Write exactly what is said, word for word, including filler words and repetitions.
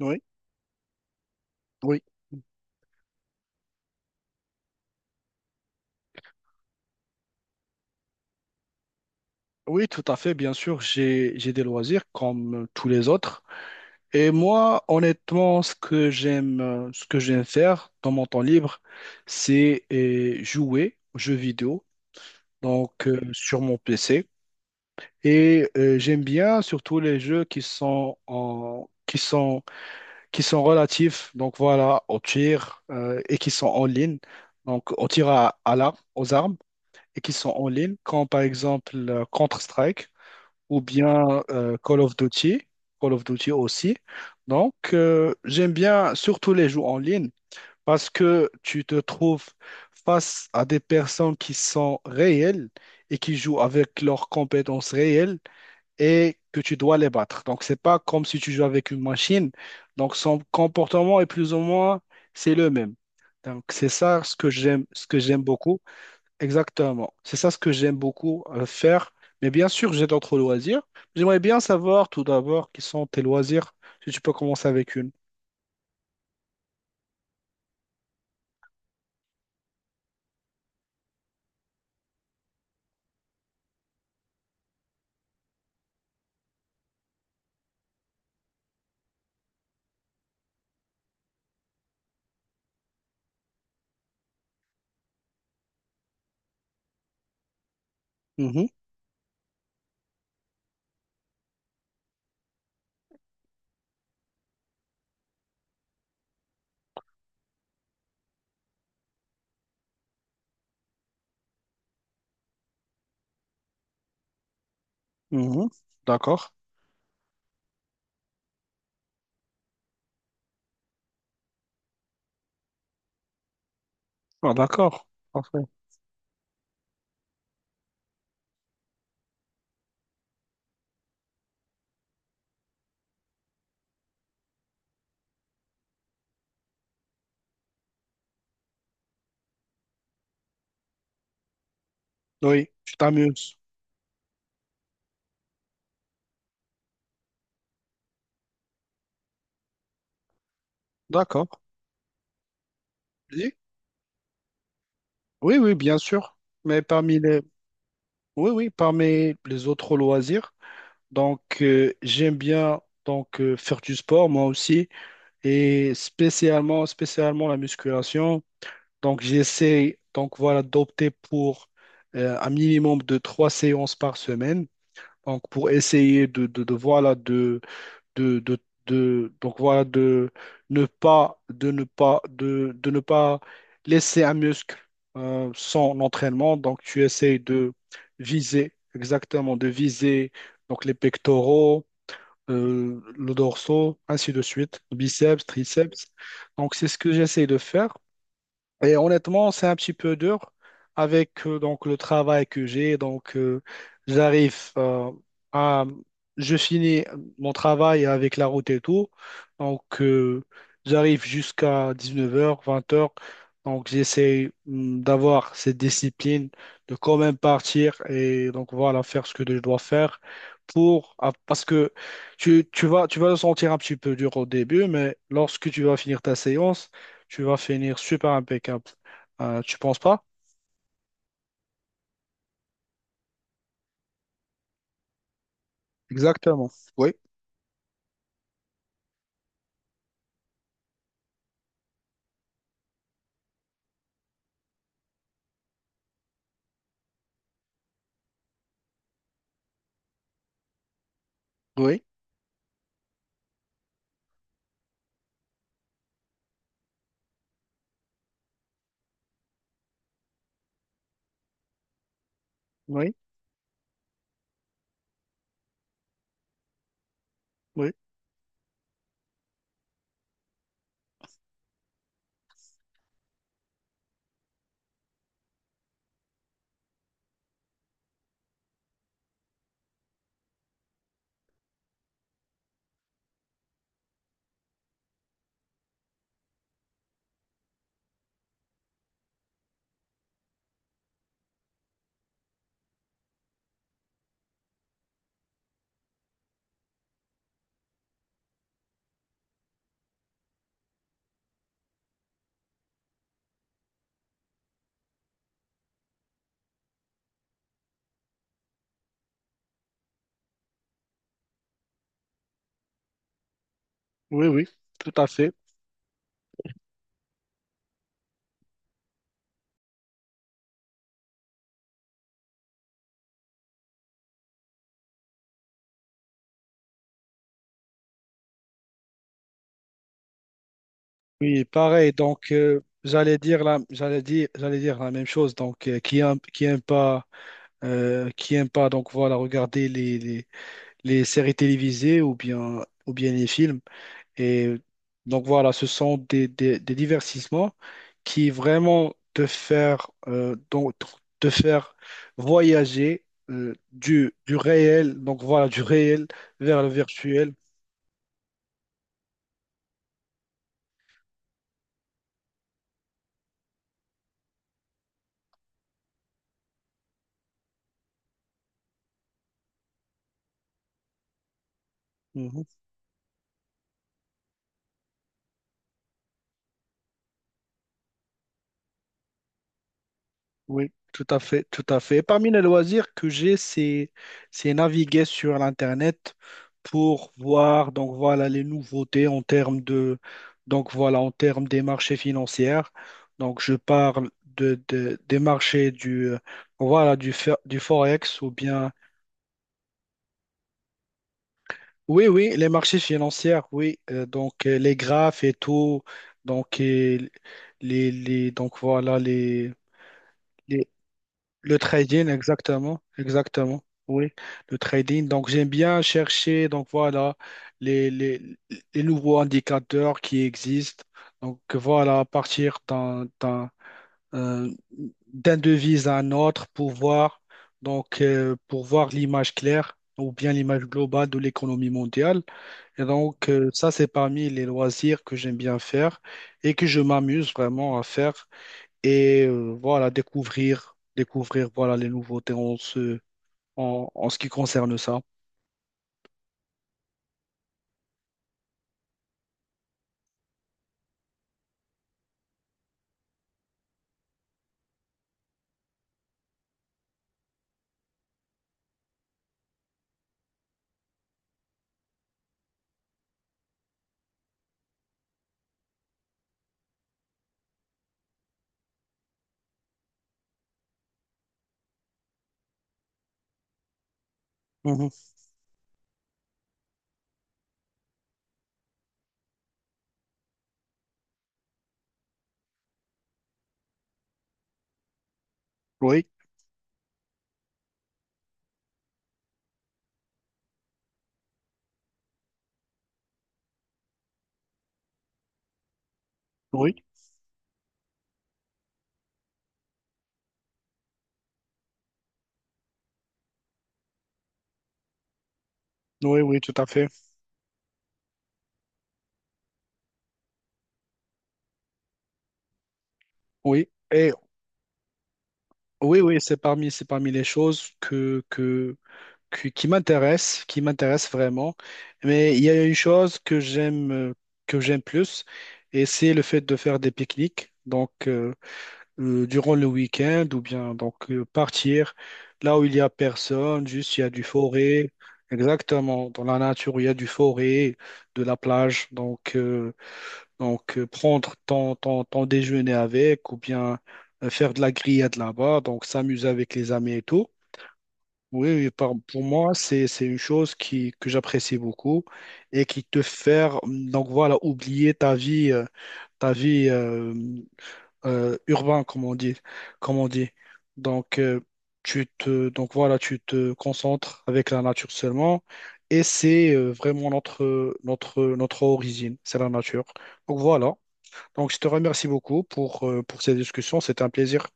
Oui, oui, oui, tout à fait, bien sûr, j'ai j'ai des loisirs comme euh, tous les autres. Et moi, honnêtement, ce que j'aime, euh, ce que j'aime faire dans mon temps libre, c'est euh, jouer aux jeux vidéo, donc euh, sur mon P C. Et euh, j'aime bien surtout les jeux qui sont en qui sont qui sont relatifs, donc voilà, au tir euh, et qui sont en ligne, donc au tir à, à l'arme, aux armes et qui sont en ligne, comme par exemple euh, Counter-Strike, ou bien euh, Call of Duty. Call of Duty aussi. Donc, euh, j'aime bien surtout les jeux en ligne parce que tu te trouves face à des personnes qui sont réelles et qui jouent avec leurs compétences réelles et que tu dois les battre. Donc, c'est pas comme si tu joues avec une machine. Donc, son comportement est plus ou moins, c'est le même. Donc, c'est ça ce que j'aime, ce que j'aime beaucoup. Exactement. C'est ça ce que j'aime beaucoup euh, faire. Mais bien sûr, j'ai d'autres loisirs. J'aimerais bien savoir tout d'abord quels sont tes loisirs, si tu peux commencer avec une. Mhm, mhm. D'accord. Ah, d'accord. Parfait. Oui, tu t'amuses. D'accord. Oui, oui, oui, bien sûr. Mais parmi les, oui, oui, parmi les autres loisirs, donc euh, j'aime bien donc euh, faire du sport moi aussi et spécialement, spécialement la musculation. Donc, j'essaie donc voilà d'opter pour euh, un minimum de trois séances par semaine. Donc, pour essayer de, de, de, voilà de, de, de, de- donc voilà de ne pas de ne pas de, de ne pas laisser un muscle euh, sans entraînement. Donc, tu essayes de viser exactement de viser donc les pectoraux, euh, le dorsaux, ainsi de suite, biceps, triceps. Donc, c'est ce que j'essaie de faire. Et honnêtement, c'est un petit peu dur avec euh, donc le travail que j'ai. Donc, euh, j'arrive euh, à, je finis mon travail avec la route et tout. Donc, euh, j'arrive jusqu'à dix-neuf heures, vingt heures. Donc, j'essaie hum, d'avoir cette discipline de quand même partir et donc voilà, faire ce que je dois faire pour ah, parce que tu, tu vas tu vas le sentir un petit peu dur au début, mais lorsque tu vas finir ta séance tu vas finir super impeccable. Euh, tu penses pas? Exactement. Oui, oui, oui, oui, oui, oui, tout à fait. Oui, pareil. Donc, euh, j'allais dire la, j'allais dire, j'allais dire la même chose. Donc, euh, qui aime, qui aime pas, euh, qui aime pas, donc voilà, regarder les, les, les séries télévisées ou bien, ou bien les films. Et donc voilà, ce sont des, des, des divertissements qui vraiment te faire, euh, donc, te faire voyager euh, du, du réel, donc voilà, du réel vers le virtuel. Mhm. Oui, tout à fait, tout à fait. Et parmi les loisirs que j'ai, c'est, c'est naviguer sur l'Internet pour voir donc voilà les nouveautés en termes de donc voilà en termes des marchés financiers. Donc je parle de, de- des marchés du euh, voilà du fer- du forex ou bien oui oui les marchés financiers oui. Euh, donc euh, les graphes et tout donc et les les donc voilà les les- le trading, exactement, exactement. Oui, le trading. Donc, j'aime bien chercher, donc voilà, les, les, les nouveaux indicateurs qui existent. Donc, voilà, à partir d'un, d'un, euh, d'un devise à un autre pour voir, donc, euh, pour voir l'image claire ou bien l'image globale de l'économie mondiale. Et donc, euh, ça, c'est parmi les loisirs que j'aime bien faire et que je m'amuse vraiment à faire et euh, voilà, découvrir, découvrir voilà, les nouveautés en ce, en, en ce qui concerne ça. Mhm. Oui, oui, oui, oui, tout à fait. Oui, et oui, oui, c'est parmi, c'est parmi les choses que, que, que- qui m'intéressent, qui m'intéressent vraiment. Mais il y a une chose que j'aime, euh, que j'aime plus, et c'est le fait de faire des pique-niques. Donc, euh, euh, durant le week-end ou bien donc euh, partir là où il y a personne, juste il y a du forêt, exactement, dans la nature où il y a du forêt, de la plage, donc, euh, donc euh, prendre ton, ton, ton déjeuner avec ou bien euh, faire de la grillade là-bas, donc s'amuser avec les amis et tout. Oui, oui, par- pour moi, c'est, c'est une chose qui, que j'apprécie beaucoup et qui te fait, mm, donc voilà, oublier ta vie, euh, ta vie, euh, euh, urbain, comme on dit, comme on dit. Donc, euh, tu te, donc voilà, tu te concentres avec la nature seulement, et c'est euh, vraiment notre, notre, notre origine, c'est la nature. Donc voilà. Donc, je te remercie beaucoup pour, euh, pour ces discussions, c'est un plaisir.